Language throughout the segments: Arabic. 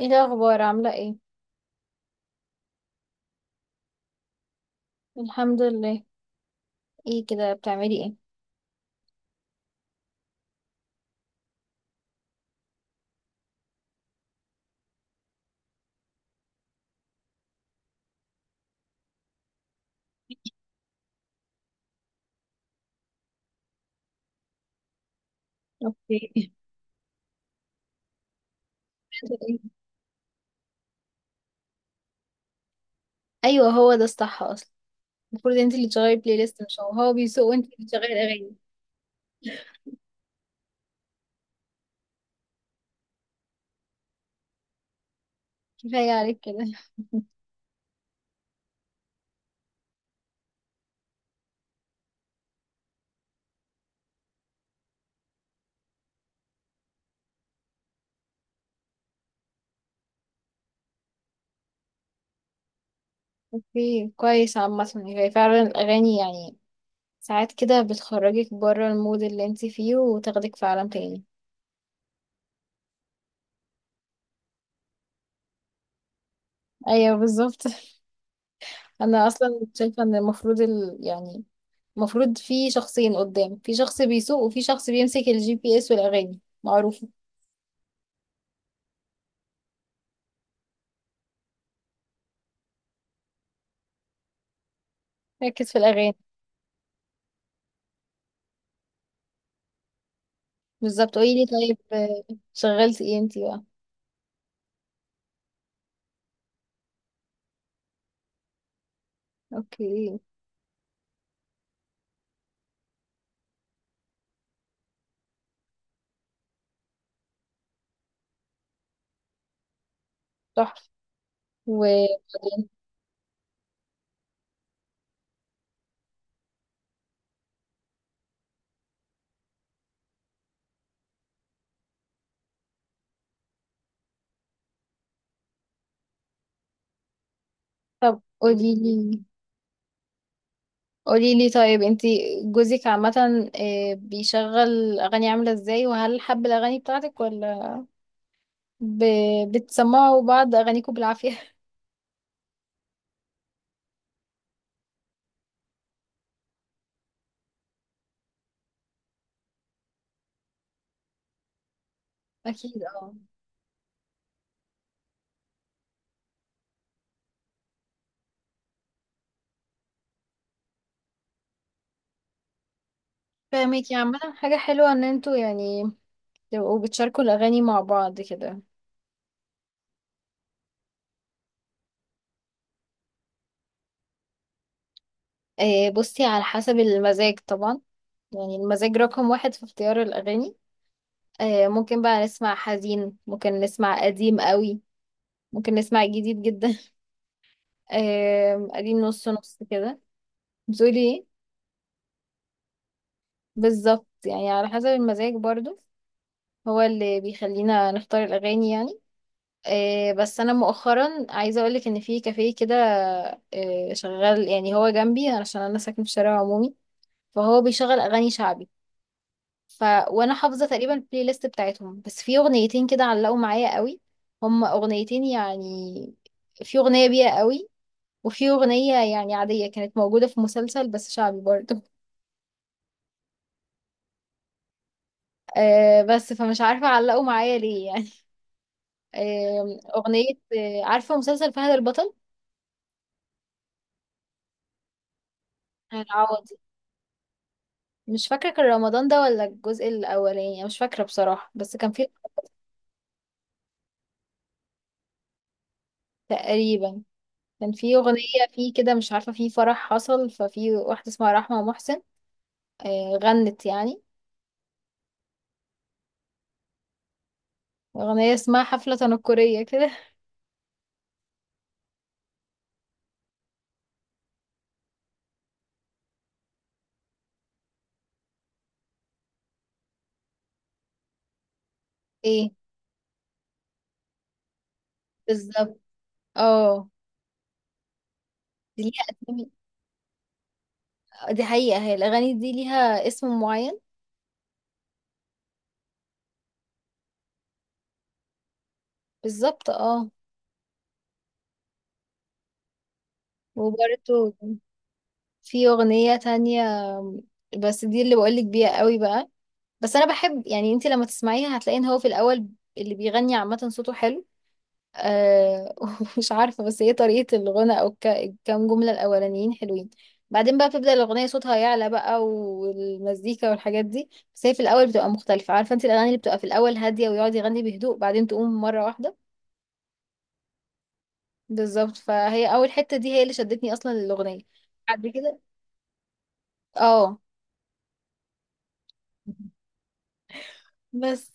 ايه الاخبار عامله ايه؟ الحمد لله. ايه كده بتعملي ايه؟ اوكي. بتعملي إيه؟ ايوه هو ده الصح اصلا. المفروض انت اللي تشغلي بلاي ليست مش هو بيسوق وانت اللي بتشغلي اغاني. كفايه عليك كده. اوكي كويس. عامه هي فعلا الاغاني يعني ساعات كده بتخرجك بره المود اللي انت فيه وتاخدك في عالم تاني. ايوه بالظبط. انا اصلا شايفه ان المفروض يعني المفروض في شخصين قدام، في شخص بيسوق وفي شخص بيمسك الجي بي اس والاغاني معروفه. ركز في الاغاني. بالظبط. قولي لي طيب، شغلتي ايه انتي بقى؟ اوكي. تحفة. وبعدين؟ طب قولي لي، طيب انتي جوزك عامة بيشغل اغاني عاملة ازاي؟ وهل حب الاغاني بتاعتك ولا ب... بتسمعوا بعض اغانيكم بالعافية؟ اكيد اه. فاهمك. يا عامة حاجة حلوة ان انتوا يعني تبقوا بتشاركوا الاغاني مع بعض كده. بصي على حسب المزاج طبعا. يعني المزاج رقم واحد في اختيار الاغاني. ممكن بقى نسمع حزين، ممكن نسمع قديم قوي، ممكن نسمع جديد جدا. قديم نص نص كده. بتقولي ايه؟ بالظبط، يعني على حسب المزاج برضو هو اللي بيخلينا نختار الأغاني يعني. بس أنا مؤخرا عايزة أقولك إن في كافيه كده شغال، يعني هو جنبي عشان أنا ساكنة في شارع عمومي، فهو بيشغل أغاني شعبي. ف وانا حافظه تقريبا البلاي ليست بتاعتهم، بس في اغنيتين كده علقوا معايا قوي. هما اغنيتين يعني، في اغنيه بيها قوي وفي اغنيه يعني عاديه كانت موجوده في مسلسل بس شعبي برضه. آه، بس فمش عارفه علقوا معايا ليه يعني. آه، اغنيه. آه، عارفه مسلسل فهد البطل العوضي؟ مش فاكره كان رمضان ده ولا الجزء الاولاني، أنا مش فاكره بصراحه، بس كان في. تقريبا. كان في اغنيه فيه كده، مش عارفه في فرح حصل ففي واحده اسمها رحمه محسن، غنت يعني أغنية اسمها حفلة تنكرية كده. ايه. بالظبط. اه. دي ليها أسامي؟ دي حقيقة هي الأغاني دي ليها اسم معين؟ بالظبط اه. وبرده في أغنية تانية، بس دي اللي بقولك بيها قوي بقى. بس أنا بحب، يعني انتي لما تسمعيها هتلاقي ان هو في الأول اللي بيغني عامة صوته حلو. آه مش عارفة، بس هي طريقة الغنى الكام جملة الأولانيين حلوين. بعدين بقى بتبدأ الأغنية صوتها يعلى بقى والمزيكا والحاجات دي، بس هي في الأول بتبقى مختلفة. عارفة انت الأغاني اللي بتبقى في الأول هادية ويقعد يغني بهدوء بعدين تقوم مرة واحدة؟ بالظبط. فهي أول حتة دي هي اللي شدتني أصلا للأغنية. بعد كده اه. بس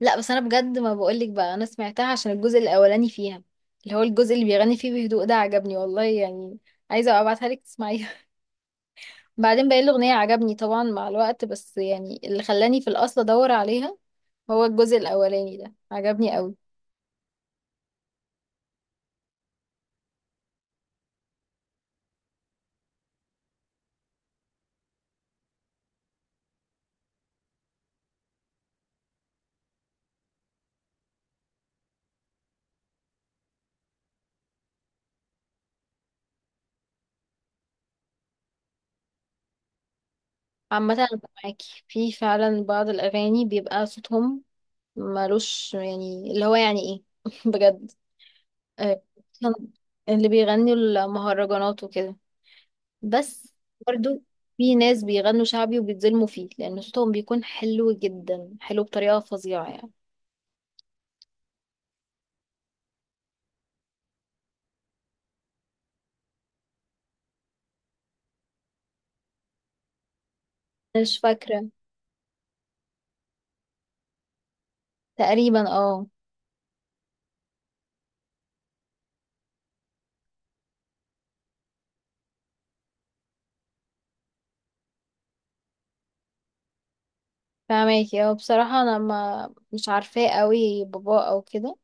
لا، بس أنا بجد ما بقولك بقى، أنا سمعتها عشان الجزء الأولاني فيها، اللي هو الجزء اللي بيغني فيه بهدوء ده عجبني والله يعني. عايزة أبقى أبعتها لك تسمعيها. بعدين باقي الأغنية عجبني طبعا مع الوقت، بس يعني اللي خلاني في الأصل أدور عليها هو الجزء الأولاني ده عجبني قوي. عامة أنا معاكي في فعلا بعض الأغاني بيبقى صوتهم ملوش، يعني اللي هو يعني إيه. بجد. آه، اللي بيغنوا المهرجانات وكده. بس برضو في ناس بيغنوا شعبي وبيتظلموا فيه، لأن صوتهم بيكون حلو جدا، حلو بطريقة فظيعة يعني. مش فاكرة. تقريبا اه. فاهماكي. اه، بصراحة انا ما مش عارفاه قوي بابا او كده.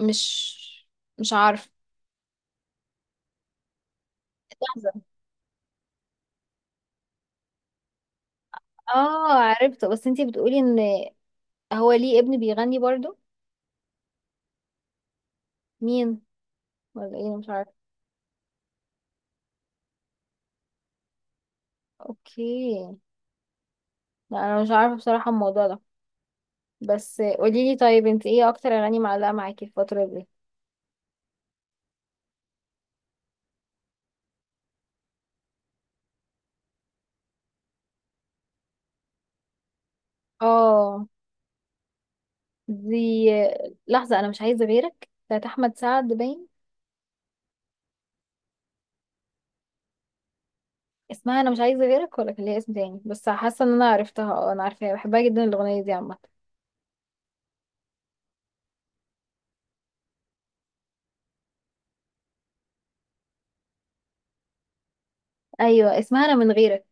مش مش عارفة. لحظة. اه عرفته، بس انتي بتقولي ان هو ليه ابن بيغني برضو؟ مين؟ ولا ايه؟ أنا مش عارفة. اوكي. لا انا مش عارفة بصراحة الموضوع ده. بس قوليلي طيب، انت ايه اكتر اغاني معلقة معاكي الفترة دي؟ اه. دي. لحظة، انا مش عايزة غيرك بتاعت احمد سعد باين. اسمها انا مش عايزة غيرك، ولا كان ليها اسم تاني؟ بس حاسة ان انا عرفتها. اه انا عارفاها، بحبها جدا الاغنية دي عامة. ايوه اسمها انا من غيرك.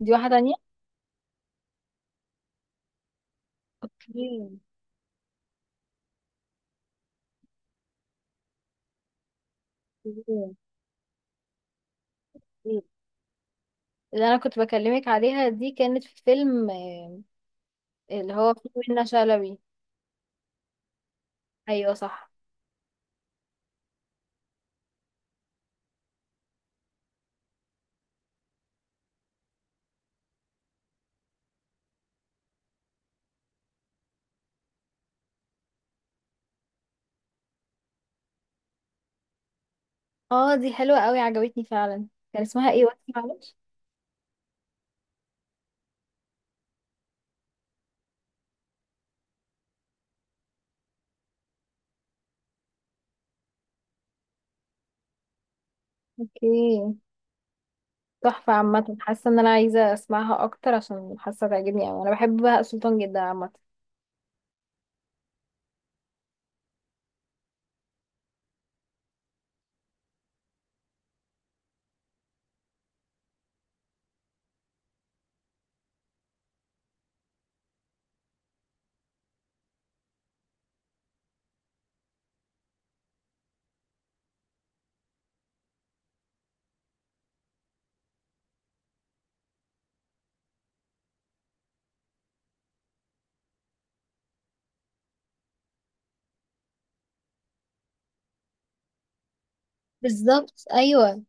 دي واحده تانية. اوكي. اوكي. اوكي. اللي انا كنت بكلمك عليها دي كانت في فيلم اللي هو فيه منة شلبي. ايوه صح. اه دي حلوه قوي، عجبتني فعلا. كان اسمها ايه وقت، معلش؟ اوكي. تحفه عامه، حاسه ان انا عايزه اسمعها اكتر عشان حاسه تعجبني قوي. انا بحب بهاء سلطان جدا عامه. بالظبط ايوه.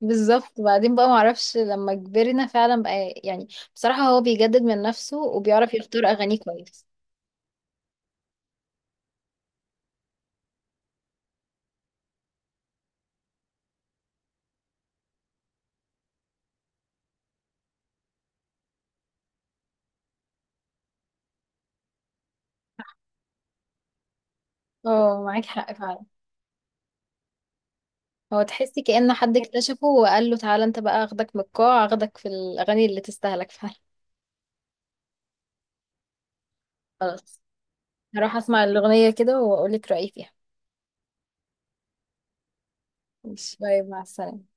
بالظبط. وبعدين بقى معرفش لما كبرنا فعلا بقى يعني، بصراحه هو بيجدد من نفسه وبيعرف يختار اغانيه كويس. اه معاك حق فعلا. هو تحسي كأن حد اكتشفه وقال له تعالى انت بقى، اخدك من القاع اخدك في الاغاني اللي تستاهلك فعلا. خلاص، هروح اسمع الاغنية كده واقول لك رأيي فيها. ماشي، باي، مع السلامة.